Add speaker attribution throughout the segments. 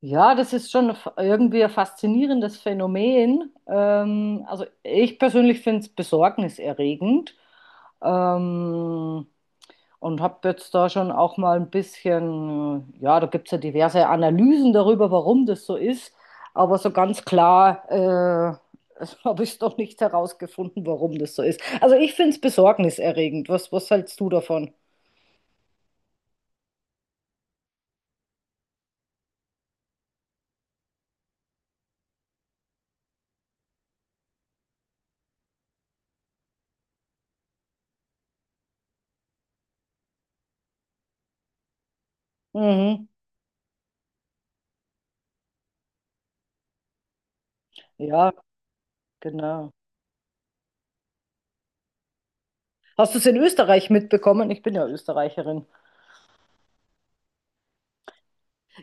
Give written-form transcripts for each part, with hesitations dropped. Speaker 1: Ja, das ist schon irgendwie ein faszinierendes Phänomen. Also ich persönlich finde es besorgniserregend, ähm, und habe jetzt da schon auch mal ein bisschen, ja, da gibt es ja diverse Analysen darüber, warum das so ist, aber so ganz klar habe ich es noch nicht herausgefunden, warum das so ist. Also ich finde es besorgniserregend. Was, was hältst du davon? Mhm. Ja, genau. Hast du es in Österreich mitbekommen? Ich bin ja Österreicherin.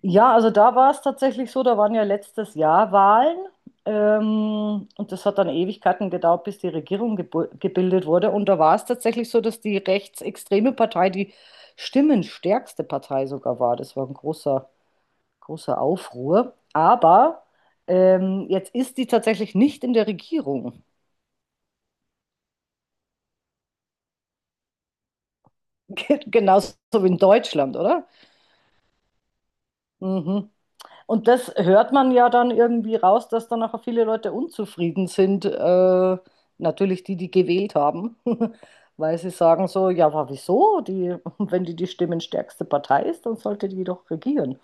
Speaker 1: Ja, also da war es tatsächlich so, da waren ja letztes Jahr Wahlen, und das hat dann Ewigkeiten gedauert, bis die Regierung gebildet wurde. Und da war es tatsächlich so, dass die rechtsextreme Partei die stimmenstärkste Partei sogar war. Das war ein großer, großer Aufruhr. Aber jetzt ist die tatsächlich nicht in der Regierung. Genauso wie in Deutschland, oder? Mhm. Und das hört man ja dann irgendwie raus, dass dann auch viele Leute unzufrieden sind. Natürlich die, die gewählt haben, weil sie sagen so: ja, aber wieso? Die, wenn die die stimmenstärkste Partei ist, dann sollte die doch regieren.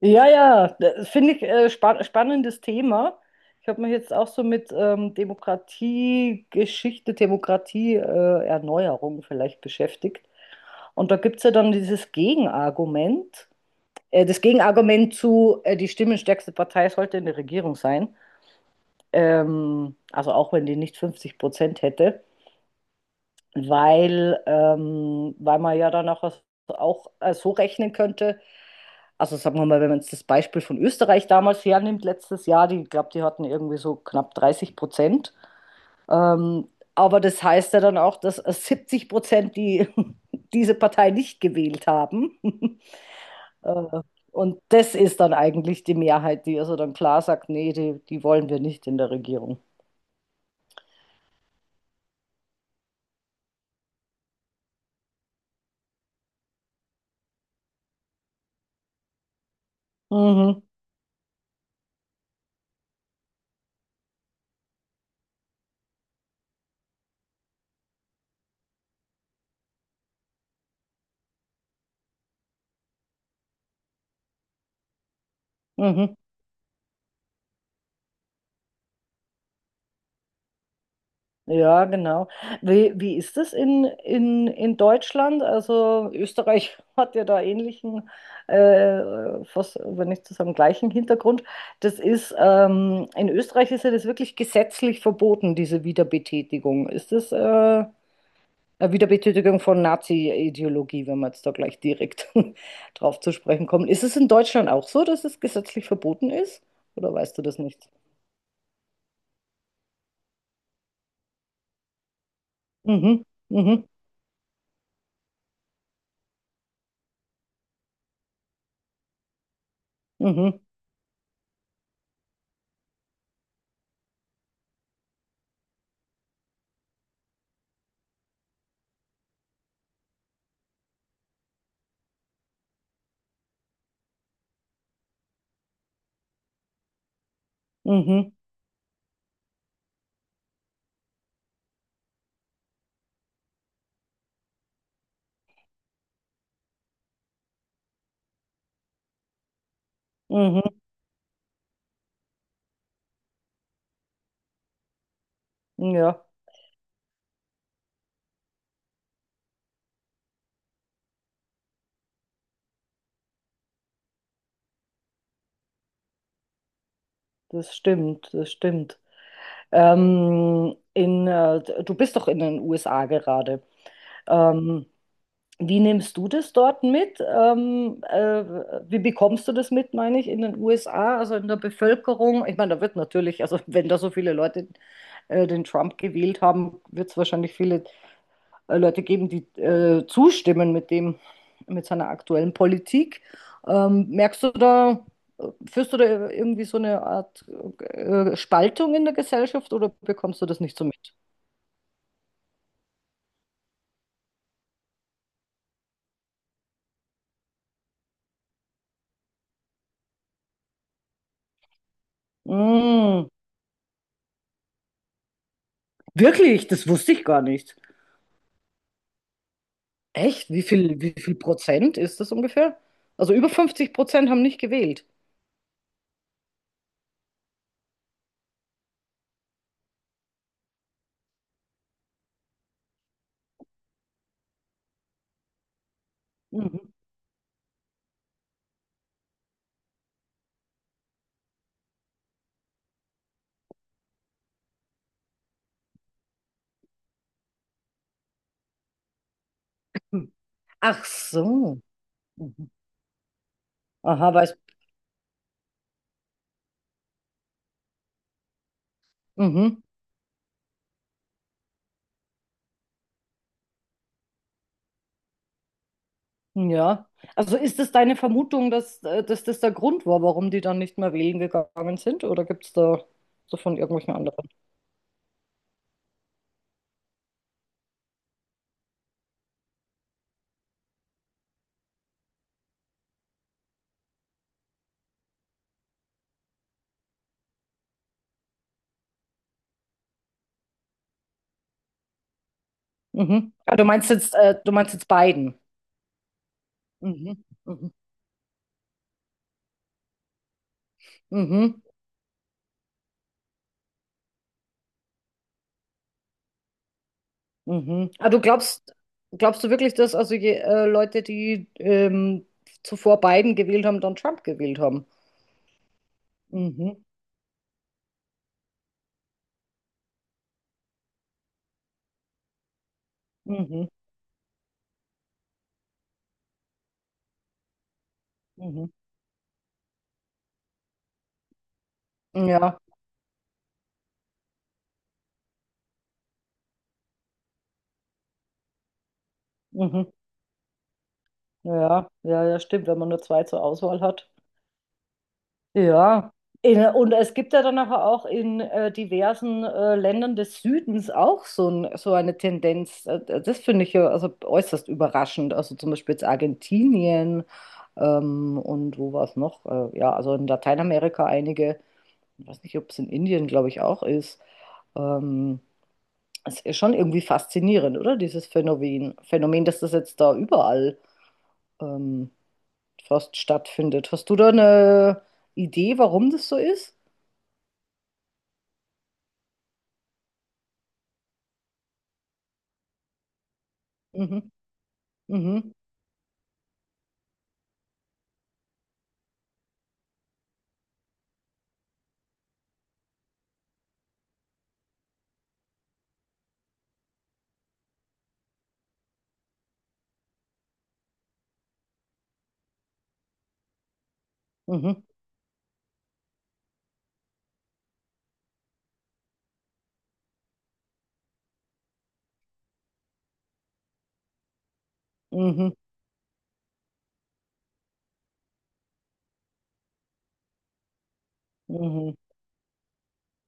Speaker 1: Ja, ja, das finde ich spannendes Thema. Ich habe mich jetzt auch so mit Demokratiegeschichte, Demokratieerneuerung, Erneuerung vielleicht beschäftigt. Und da gibt es ja dann dieses Gegenargument. Das Gegenargument zu, die stimmenstärkste Partei sollte in der Regierung sein. Also auch wenn die nicht 50% hätte, weil man ja dann auch, auch so rechnen könnte. Also sagen wir mal, wenn man jetzt das Beispiel von Österreich damals hernimmt, letztes Jahr, die, ich glaube, die hatten irgendwie so knapp 30%. Ähm, aber das heißt ja dann auch, dass 70% die, diese Partei nicht gewählt haben. Äh, und das ist dann eigentlich die Mehrheit, die also dann klar sagt: nee, die, die wollen wir nicht in der Regierung. Mhm, mhm. Ja, genau. Wie ist das in Deutschland? Also Österreich hat ja da ähnlichen, fast, wenn nicht zusammen gleichen Hintergrund. Das ist, in Österreich ist ja das wirklich gesetzlich verboten, diese Wiederbetätigung. Wiederbetätigung von Nazi-Ideologie, wenn wir jetzt da gleich direkt drauf zu sprechen kommen. Ist es in Deutschland auch so, dass es gesetzlich verboten ist? Oder weißt du das nicht? Mhm, mhm, mhm, mhm, mhm. Ja, das stimmt, das stimmt. Du bist doch in den USA gerade. Ähm, Wie nimmst du das dort mit? Wie bekommst du das mit, meine ich, in den USA, also in der Bevölkerung? Ich meine, da wird natürlich, also wenn da so viele Leute den Trump gewählt haben, wird es wahrscheinlich viele Leute geben, die zustimmen mit dem, mit seiner aktuellen Politik. Merkst du da, führst du da irgendwie so eine Art Spaltung in der Gesellschaft, oder bekommst du das nicht so mit? Mm, Wirklich, das wusste ich gar nicht. Echt? Wie viel Prozent ist das ungefähr? Also über 50% haben nicht gewählt. Mhm. Hm. Ach so. Mhm. Aha, weiß. Mhm. Ja. Also ist es deine Vermutung, dass das der Grund war, warum die dann nicht mehr wählen gegangen sind? Oder gibt es da so von irgendwelchen anderen? Mhm. Ah, du meinst jetzt Biden. Mhm. Mhm. Mhm. Mhm. Ah, glaubst du wirklich, dass also Leute, die zuvor Biden gewählt haben, dann Trump gewählt haben? Mhm, mhm, mhm. Ja, mhm. Ja, ja, ja, stimmt, wenn man nur zwei zur Auswahl hat. Ja. Und es gibt ja dann aber auch in diversen Ländern des Südens auch so, ein, so eine Tendenz. Das finde ich ja also äußerst überraschend. Also zum Beispiel jetzt Argentinien, und wo war es noch? Ja, also in Lateinamerika einige. Ich weiß nicht, ob es in Indien, glaube ich, auch ist. Ähm, Es ist schon irgendwie faszinierend, oder? Dieses Phänomen. Phänomen, dass das jetzt da überall ähm, fast stattfindet. Hast du da eine Idee, warum das so ist? Mhm, mhm, mhm, mhm, mhm.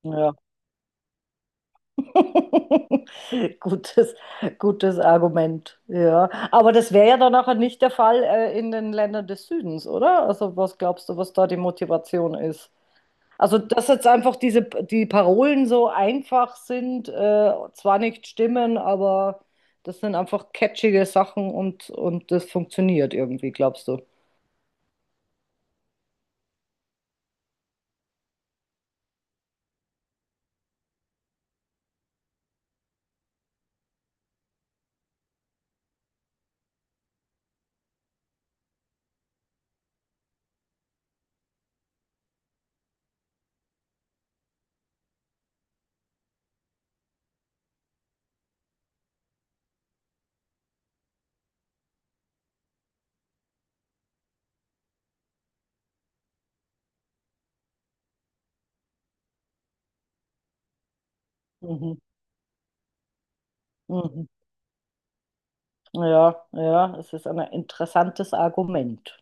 Speaker 1: Ja. Gutes, gutes Argument. Ja. Aber das wäre ja dann nachher nicht der Fall in den Ländern des Südens, oder? Also was glaubst du, was da die Motivation ist? Also, dass jetzt einfach diese, die Parolen so einfach sind, zwar nicht stimmen, aber das sind einfach catchige Sachen und das funktioniert irgendwie, glaubst du? Mhm. Mhm. Ja, ja, es ist ein interessantes Argument.